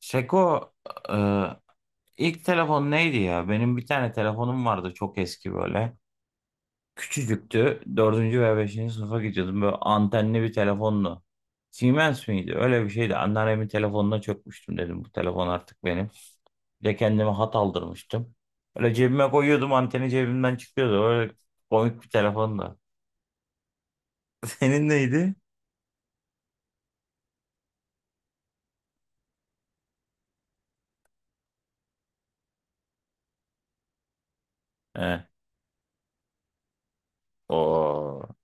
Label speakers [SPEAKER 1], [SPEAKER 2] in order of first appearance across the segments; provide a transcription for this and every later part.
[SPEAKER 1] Şeko, e, ilk telefon neydi ya? Benim bir tane telefonum vardı, çok eski böyle. Küçücüktü. Dördüncü veya beşinci sınıfa gidiyordum. Böyle antenli bir telefonlu. Siemens miydi? Öyle bir şeydi. Anneannemin telefonuna çökmüştüm, dedim bu telefon artık benim. Bir de kendime hat aldırmıştım. Öyle cebime koyuyordum, anteni cebimden çıkıyordu. Öyle komik bir telefondu. Senin neydi? He. Oo.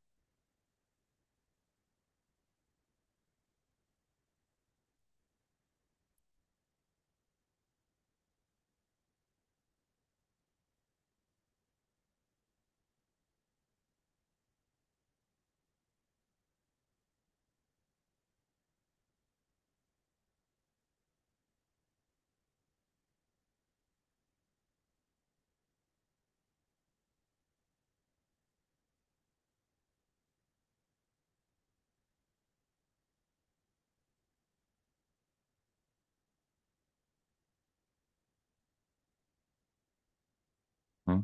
[SPEAKER 1] Hı?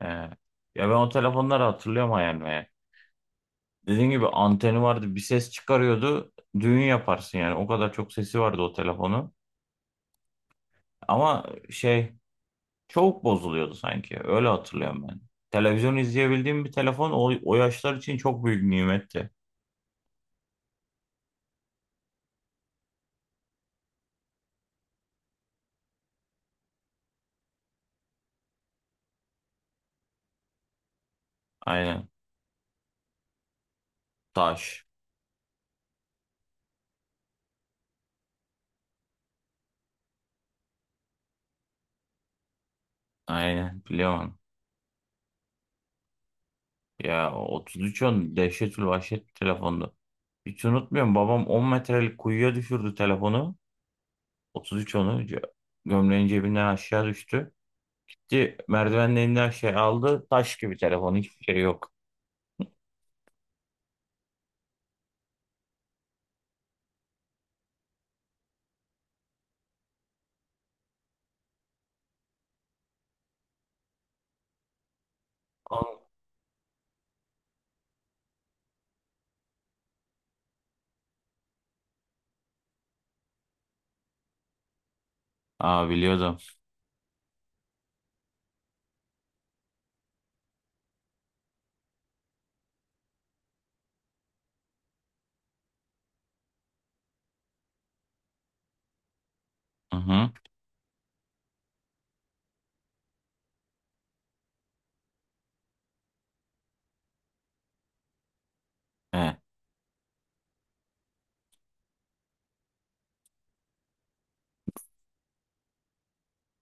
[SPEAKER 1] He. Ya ben o telefonları hatırlıyorum hayal meyal. Dediğim gibi anteni vardı, bir ses çıkarıyordu, düğün yaparsın yani, o kadar çok sesi vardı o telefonun. Ama şey, çok bozuluyordu sanki, öyle hatırlıyorum ben. Televizyon izleyebildiğim bir telefon o yaşlar için çok büyük nimetti. Aynen. Taş. Aynen, biliyorum ya. 33 on dehşetül vahşet bir telefondu. Hiç unutmuyorum, babam 10 metrelik kuyuya düşürdü telefonu, 33 onu, gömleğin cebinden aşağı düştü. Gitti merdivenin, her şey aldı. Taş gibi telefon, hiçbir şey yok. Al. Aa, biliyordum. Hı hı. He.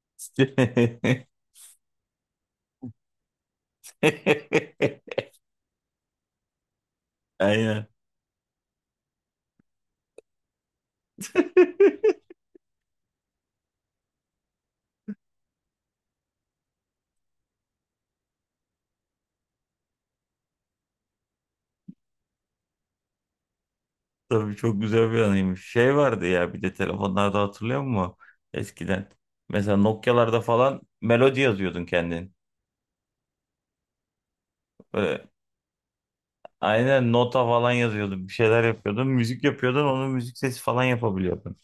[SPEAKER 1] Aynen. Tabii, çok güzel bir anıymış. Şey vardı ya bir de telefonlarda, hatırlıyor musun? Eskiden. Mesela Nokia'larda falan melodi yazıyordun kendin. Böyle, aynen nota falan yazıyordun. Bir şeyler yapıyordun. Müzik yapıyordun. Onun müzik sesi falan yapabiliyordun.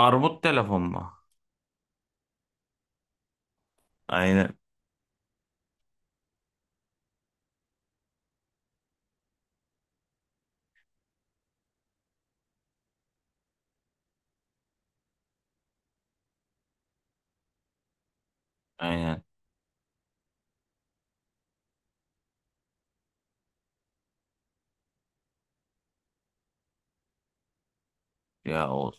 [SPEAKER 1] Armut telefon mu? Aynen. Aynen. Ya o.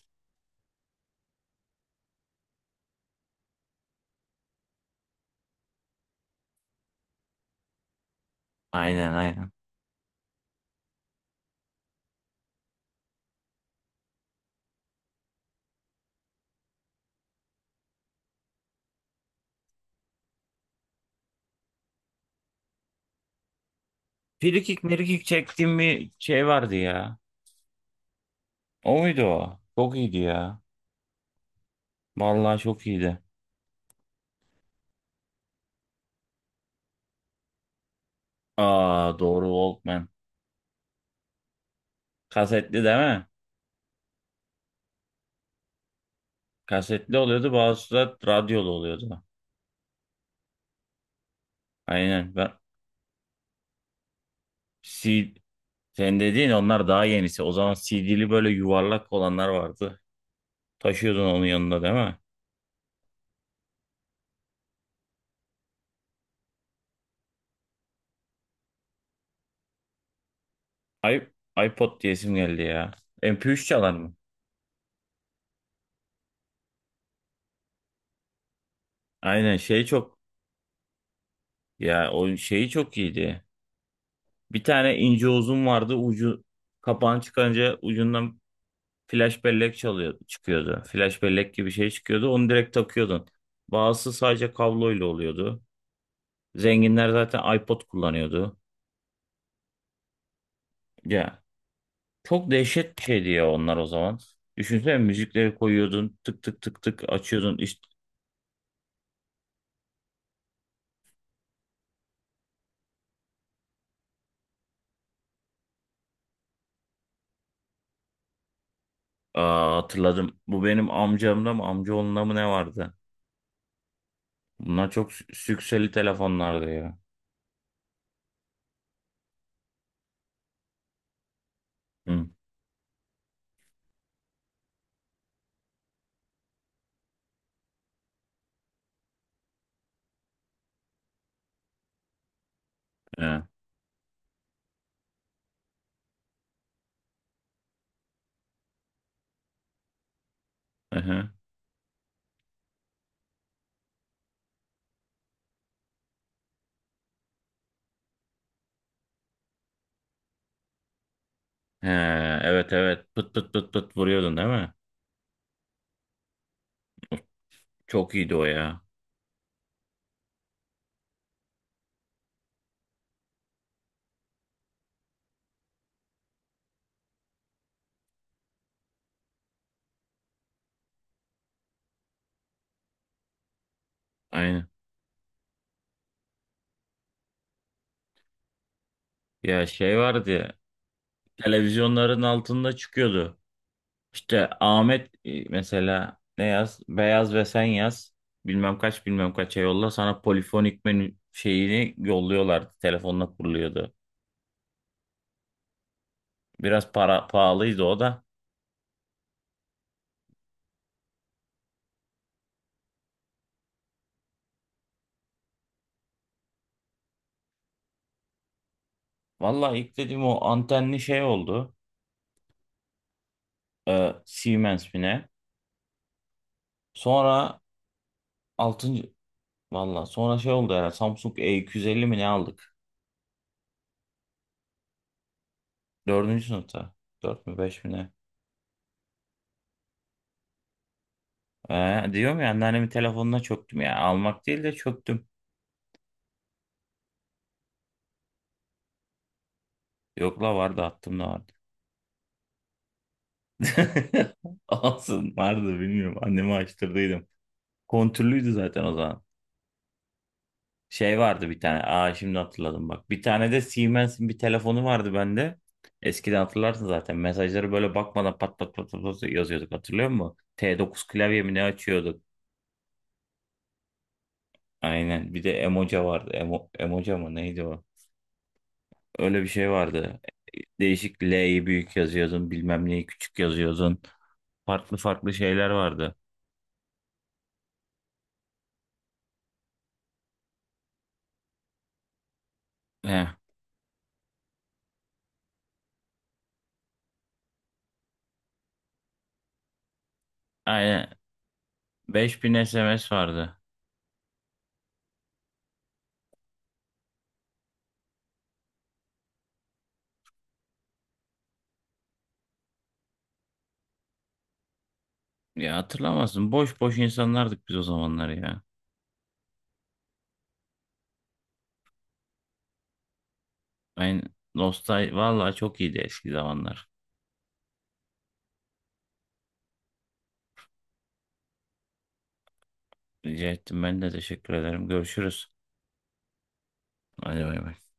[SPEAKER 1] Aynen, aynen. Frikik mirikik çektiğim bir şey vardı ya. O muydu o? Çok iyiydi ya. Vallahi çok iyiydi. Aa, doğru, Walkman. Kasetli değil mi? Kasetli oluyordu, bazısı da radyolu oluyordu. Aynen. Ben C sen dediğin onlar daha yenisi. O zaman CD'li böyle yuvarlak olanlar vardı. Taşıyordun onun yanında değil mi? I iPod diyesim geldi ya. MP3 çalar mı? Aynen, şey, çok. Ya o şeyi çok iyiydi. Bir tane ince uzun vardı. Ucu, kapağını çıkarınca ucundan flash bellek çalıyor, çıkıyordu. Flash bellek gibi şey çıkıyordu. Onu direkt takıyordun. Bazısı sadece kabloyla oluyordu. Zenginler zaten iPod kullanıyordu. Ya, çok dehşet bir şeydi ya onlar o zaman. Düşünsene, müzikleri koyuyordun, tık tık tık tık açıyordun. İşte. Aa, hatırladım. Bu benim amcamda mı, amcaoğlunda mı ne vardı? Bunlar çok sükseli telefonlardı ya. Hı. He. Hı, hı. He, evet evet, pıt pıt pıt pıt vuruyordun değil mi? Çok iyiydi o ya. Aynen. Ya şey vardı ya, televizyonların altında çıkıyordu. İşte Ahmet, mesela ne yaz? Beyaz ve sen yaz. Bilmem kaç bilmem kaça yolla, sana polifonik menü şeyini yolluyorlardı. Telefonla kuruluyordu. Biraz para pahalıydı o da. Vallahi ilk dediğim o antenli şey oldu. Siemens mi ne? Sonra altıncı. Valla sonra şey oldu, herhalde Samsung E250 mi ne aldık? Dördüncü sınıfta. Dört mü beş mi ne? Diyorum ya, anneannemin telefonuna çöktüm ya. Almak değil de çöktüm. Yok la, vardı, attım da vardı. Olsun, vardı, bilmiyorum. Anneme açtırdıydım. Kontürlüydü zaten o zaman. Şey vardı bir tane. Aa, şimdi hatırladım bak. Bir tane de Siemens'in bir telefonu vardı bende. Eskiden hatırlarsın zaten. Mesajları böyle bakmadan pat pat pat pat pat yazıyorduk, hatırlıyor musun? T9 klavye mi ne açıyorduk? Aynen. Bir de Emoca vardı. Emoca mı neydi o? Öyle bir şey vardı. Değişik, L'yi büyük yazıyordun, bilmem neyi küçük yazıyordun. Farklı farklı şeyler vardı. He, aynen. 5.000 SMS vardı. Ya hatırlamazsın. Boş boş insanlardık biz o zamanlar ya. Aynen. Vallahi çok iyiydi eski zamanlar. Rica ettim, ben de teşekkür ederim. Görüşürüz. Hadi bay bay.